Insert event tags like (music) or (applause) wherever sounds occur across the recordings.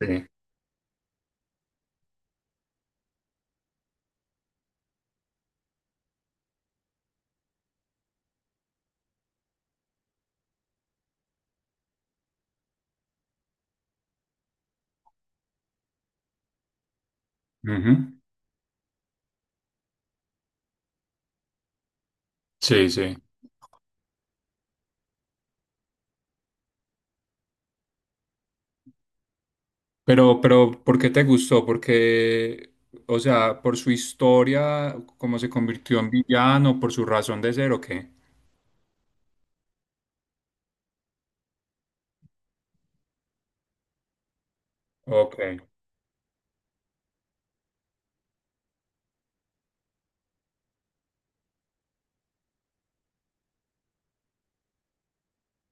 Sí, ujú, sí, sí. Pero, ¿por qué te gustó? Porque, o sea, por su historia, cómo se convirtió en villano, por su razón de ser, ¿o qué? Ok,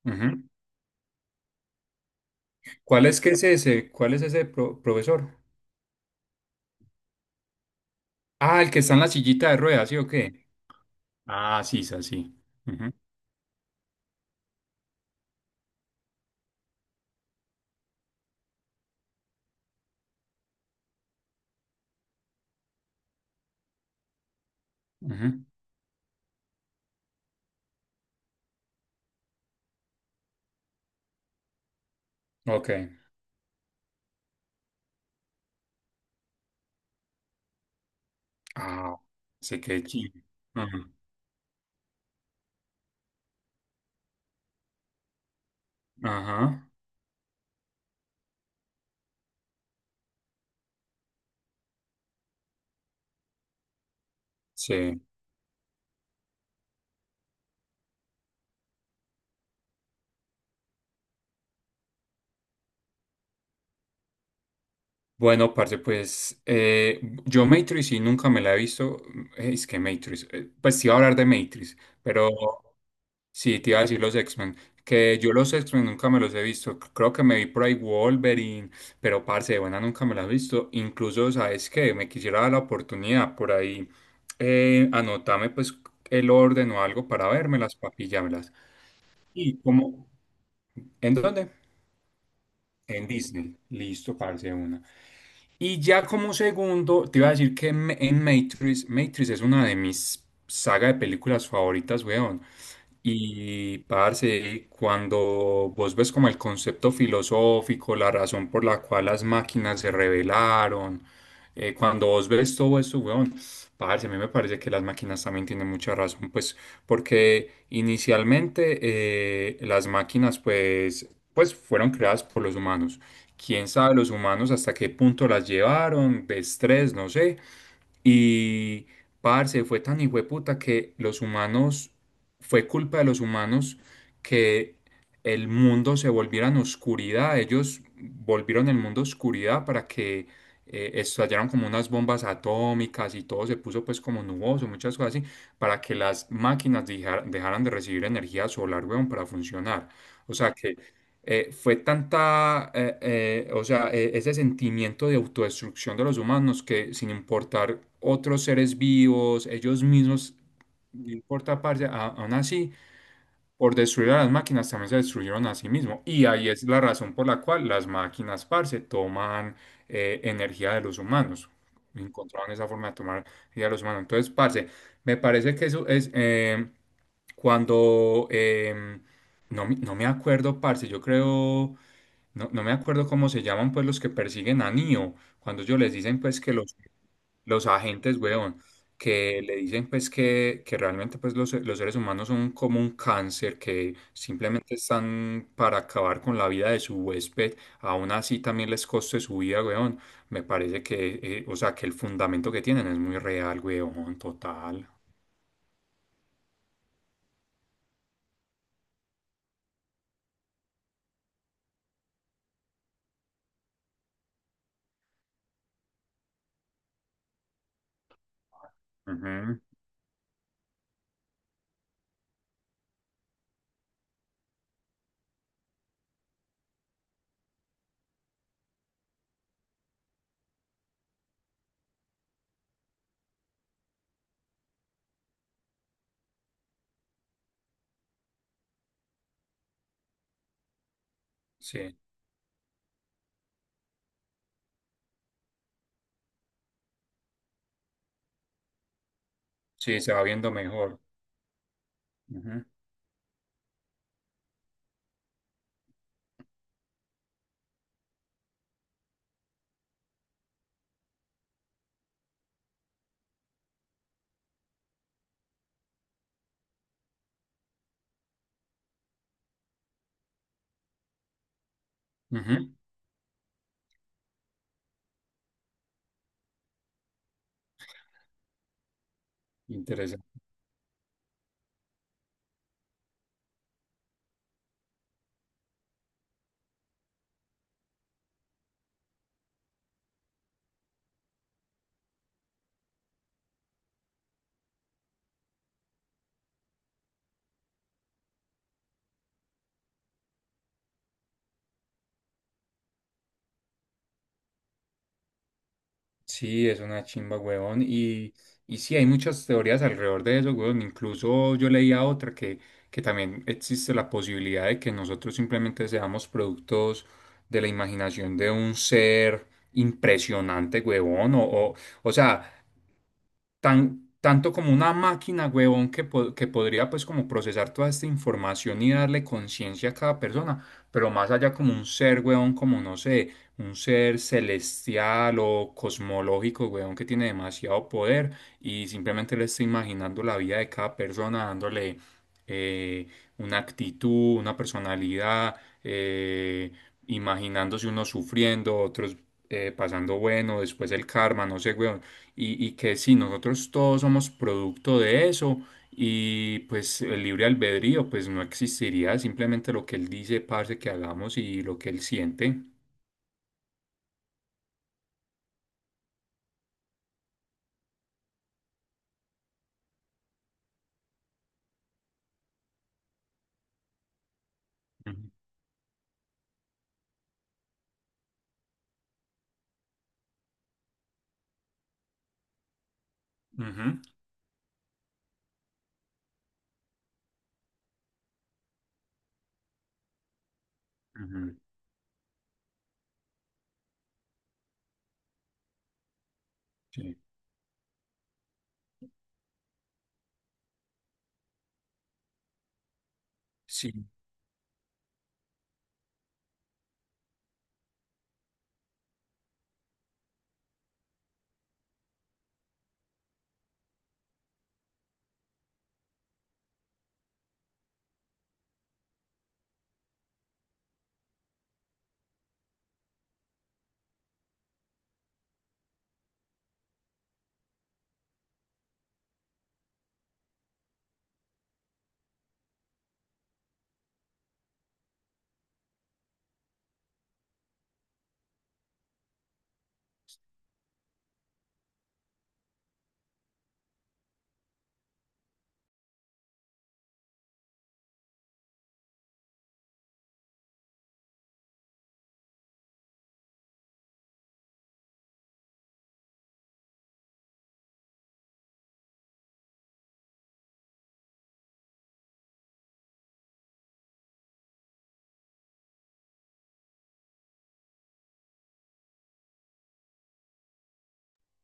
ujú. ¿Cuál es que es ese? ¿Cuál es ese profesor? Ah, el que está en la sillita de ruedas, ¿sí o qué? Ah, sí, sí, sí. Ujú, ujú. Ok. Ah, sí, qué chido. Ajá, ajá. Sí. Bueno, parce, pues yo Matrix sí nunca me la he visto. Es que Matrix, pues te iba a hablar de Matrix, pero sí te iba a decir los X-Men. Que yo los X-Men nunca me los he visto. Creo que me vi por ahí Wolverine, pero parce, de buena nunca me la he visto. Incluso, ¿sabes qué? Me quisiera dar la oportunidad por ahí. Anotame pues el orden o algo para vérmelas, papillármelas. ¿Y cómo? ¿En dónde? En Disney. Listo, parce, de una. Y ya como segundo, te iba a decir que en Matrix, Matrix es una de mis saga de películas favoritas, weón. Y, parce, cuando vos ves como el concepto filosófico, la razón por la cual las máquinas se rebelaron, cuando vos ves todo eso, weón, parce, a mí me parece que las máquinas también tienen mucha razón, pues, porque inicialmente las máquinas, pues, fueron creadas por los humanos. Quién sabe los humanos hasta qué punto las llevaron, de estrés, no sé. Y, parce, fue tan hijueputa que los humanos, fue culpa de los humanos que el mundo se volviera en oscuridad. Ellos volvieron el mundo oscuridad para que estallaron como unas bombas atómicas y todo se puso pues como nuboso, muchas cosas así, para que las máquinas dejaran de recibir energía solar, weón, para funcionar. O sea que fue tanta, o sea, ese sentimiento de autodestrucción de los humanos que sin importar otros seres vivos, ellos mismos no importa, parce, aún así, por destruir a las máquinas también se destruyeron a sí mismos. Y ahí es la razón por la cual las máquinas, parce, toman energía de los humanos. Encontraron esa forma de tomar energía de los humanos. Entonces, parce, me parece que eso es cuando. No, no me acuerdo, parce, yo creo. No, no me acuerdo cómo se llaman, pues, los que persiguen a Neo. Cuando ellos les dicen, pues, que los agentes, weón, que le dicen pues que realmente pues los seres humanos son como un cáncer, que simplemente están para acabar con la vida de su huésped, aún así también les coste su vida, weón. Me parece que, o sea, que el fundamento que tienen es muy real, weón, total. Ujú, sí, sí, se va viendo mejor. Ujú, ujú, interesante. Sí, es una chimba, huevón. Y sí, hay muchas teorías alrededor de eso, huevón. Incluso yo leía otra que también existe la posibilidad de que nosotros simplemente seamos productos de la imaginación de un ser impresionante, huevón. O sea, tan, tanto como una máquina, huevón, que, que podría pues como procesar toda esta información y darle conciencia a cada persona, pero más allá como un ser, huevón, como no sé, un ser celestial o cosmológico, huevón, que tiene demasiado poder y simplemente le está imaginando la vida de cada persona, dándole eh, una actitud, una personalidad, eh, imaginándose unos sufriendo, otros... pasando bueno, después el karma, no sé, huevón y que si nosotros todos somos producto de eso y pues el libre albedrío pues no existiría, simplemente lo que él dice, parce, que hagamos y lo que él siente. Ujú. Ujú, ujú, sí. Sí.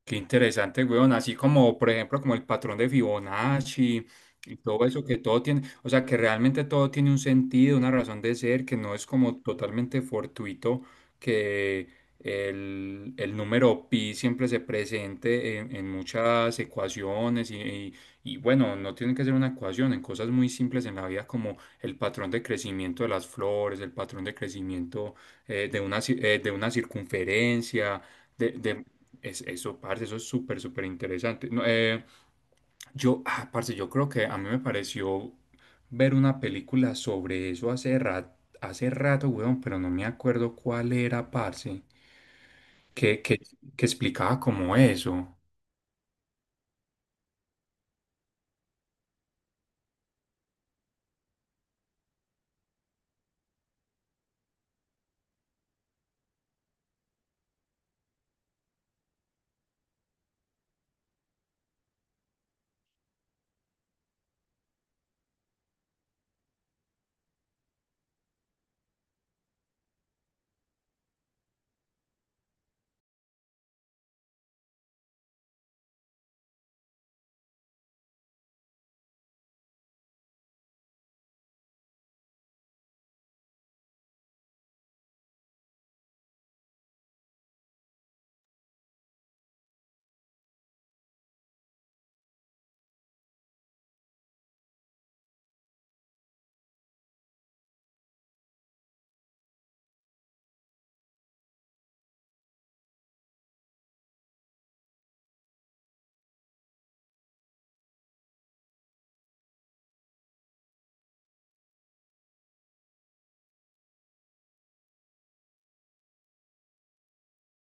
Qué interesante, weón. Así como, por ejemplo, como el patrón de Fibonacci y todo eso, que todo tiene, o sea, que realmente todo tiene un sentido, una razón de ser, que no es como totalmente fortuito, que el número pi siempre se presente en muchas ecuaciones y bueno, no tiene que ser una ecuación, en cosas muy simples en la vida como el patrón de crecimiento de las flores, el patrón de crecimiento de una circunferencia de es, eso, parce, eso es súper, súper interesante. No, yo, ah, parce, yo creo que a mí me pareció ver una película sobre eso hace rato, weón, pero no me acuerdo cuál era, parce, que, que, que explicaba como eso.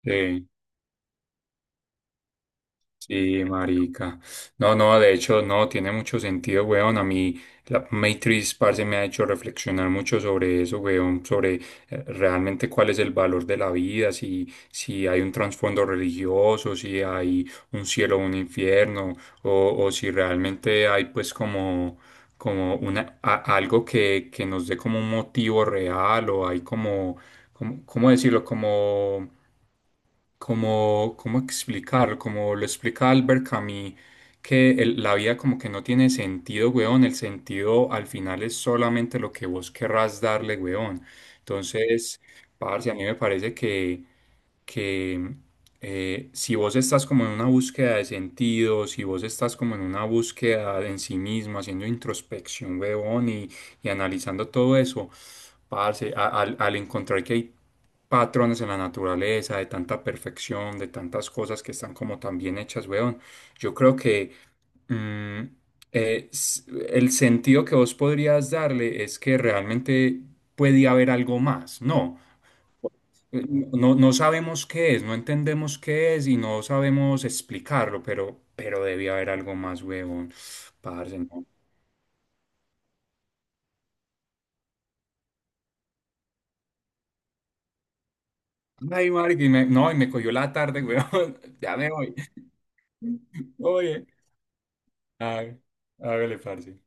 Sí. Sí, marica. No, no, de hecho, no, tiene mucho sentido, weón. A mí, la Matrix, parce, me ha hecho reflexionar mucho sobre eso, weón, sobre realmente cuál es el valor de la vida, si, si hay un trasfondo religioso, si hay un cielo o un infierno, o si realmente hay, pues, como, como una, algo que nos dé como un motivo real, o hay como, como, ¿cómo decirlo? Como como, ¿cómo explicarlo? Como lo explica Albert Camus, que la vida como que no tiene sentido, weón. El sentido al final es solamente lo que vos querrás darle, weón. Entonces, parce, a mí me parece que si vos estás como en una búsqueda de sentido, si vos estás como en una búsqueda de en sí mismo, haciendo introspección, weón, y analizando todo eso, parce, al encontrar que hay patrones en la naturaleza, de tanta perfección, de tantas cosas que están como tan bien hechas, weón. Yo creo que mm, eh, s- el sentido que vos podrías darle es que realmente puede haber algo más, ¿no? Eh, No, no sabemos qué es, no entendemos qué es y no sabemos explicarlo, pero debía haber algo más, weón. Parce, no. Ay, marica, no, y me cogió la tarde, weón. (laughs) Ya me voy. (laughs) Oye, ah, hágale, parce.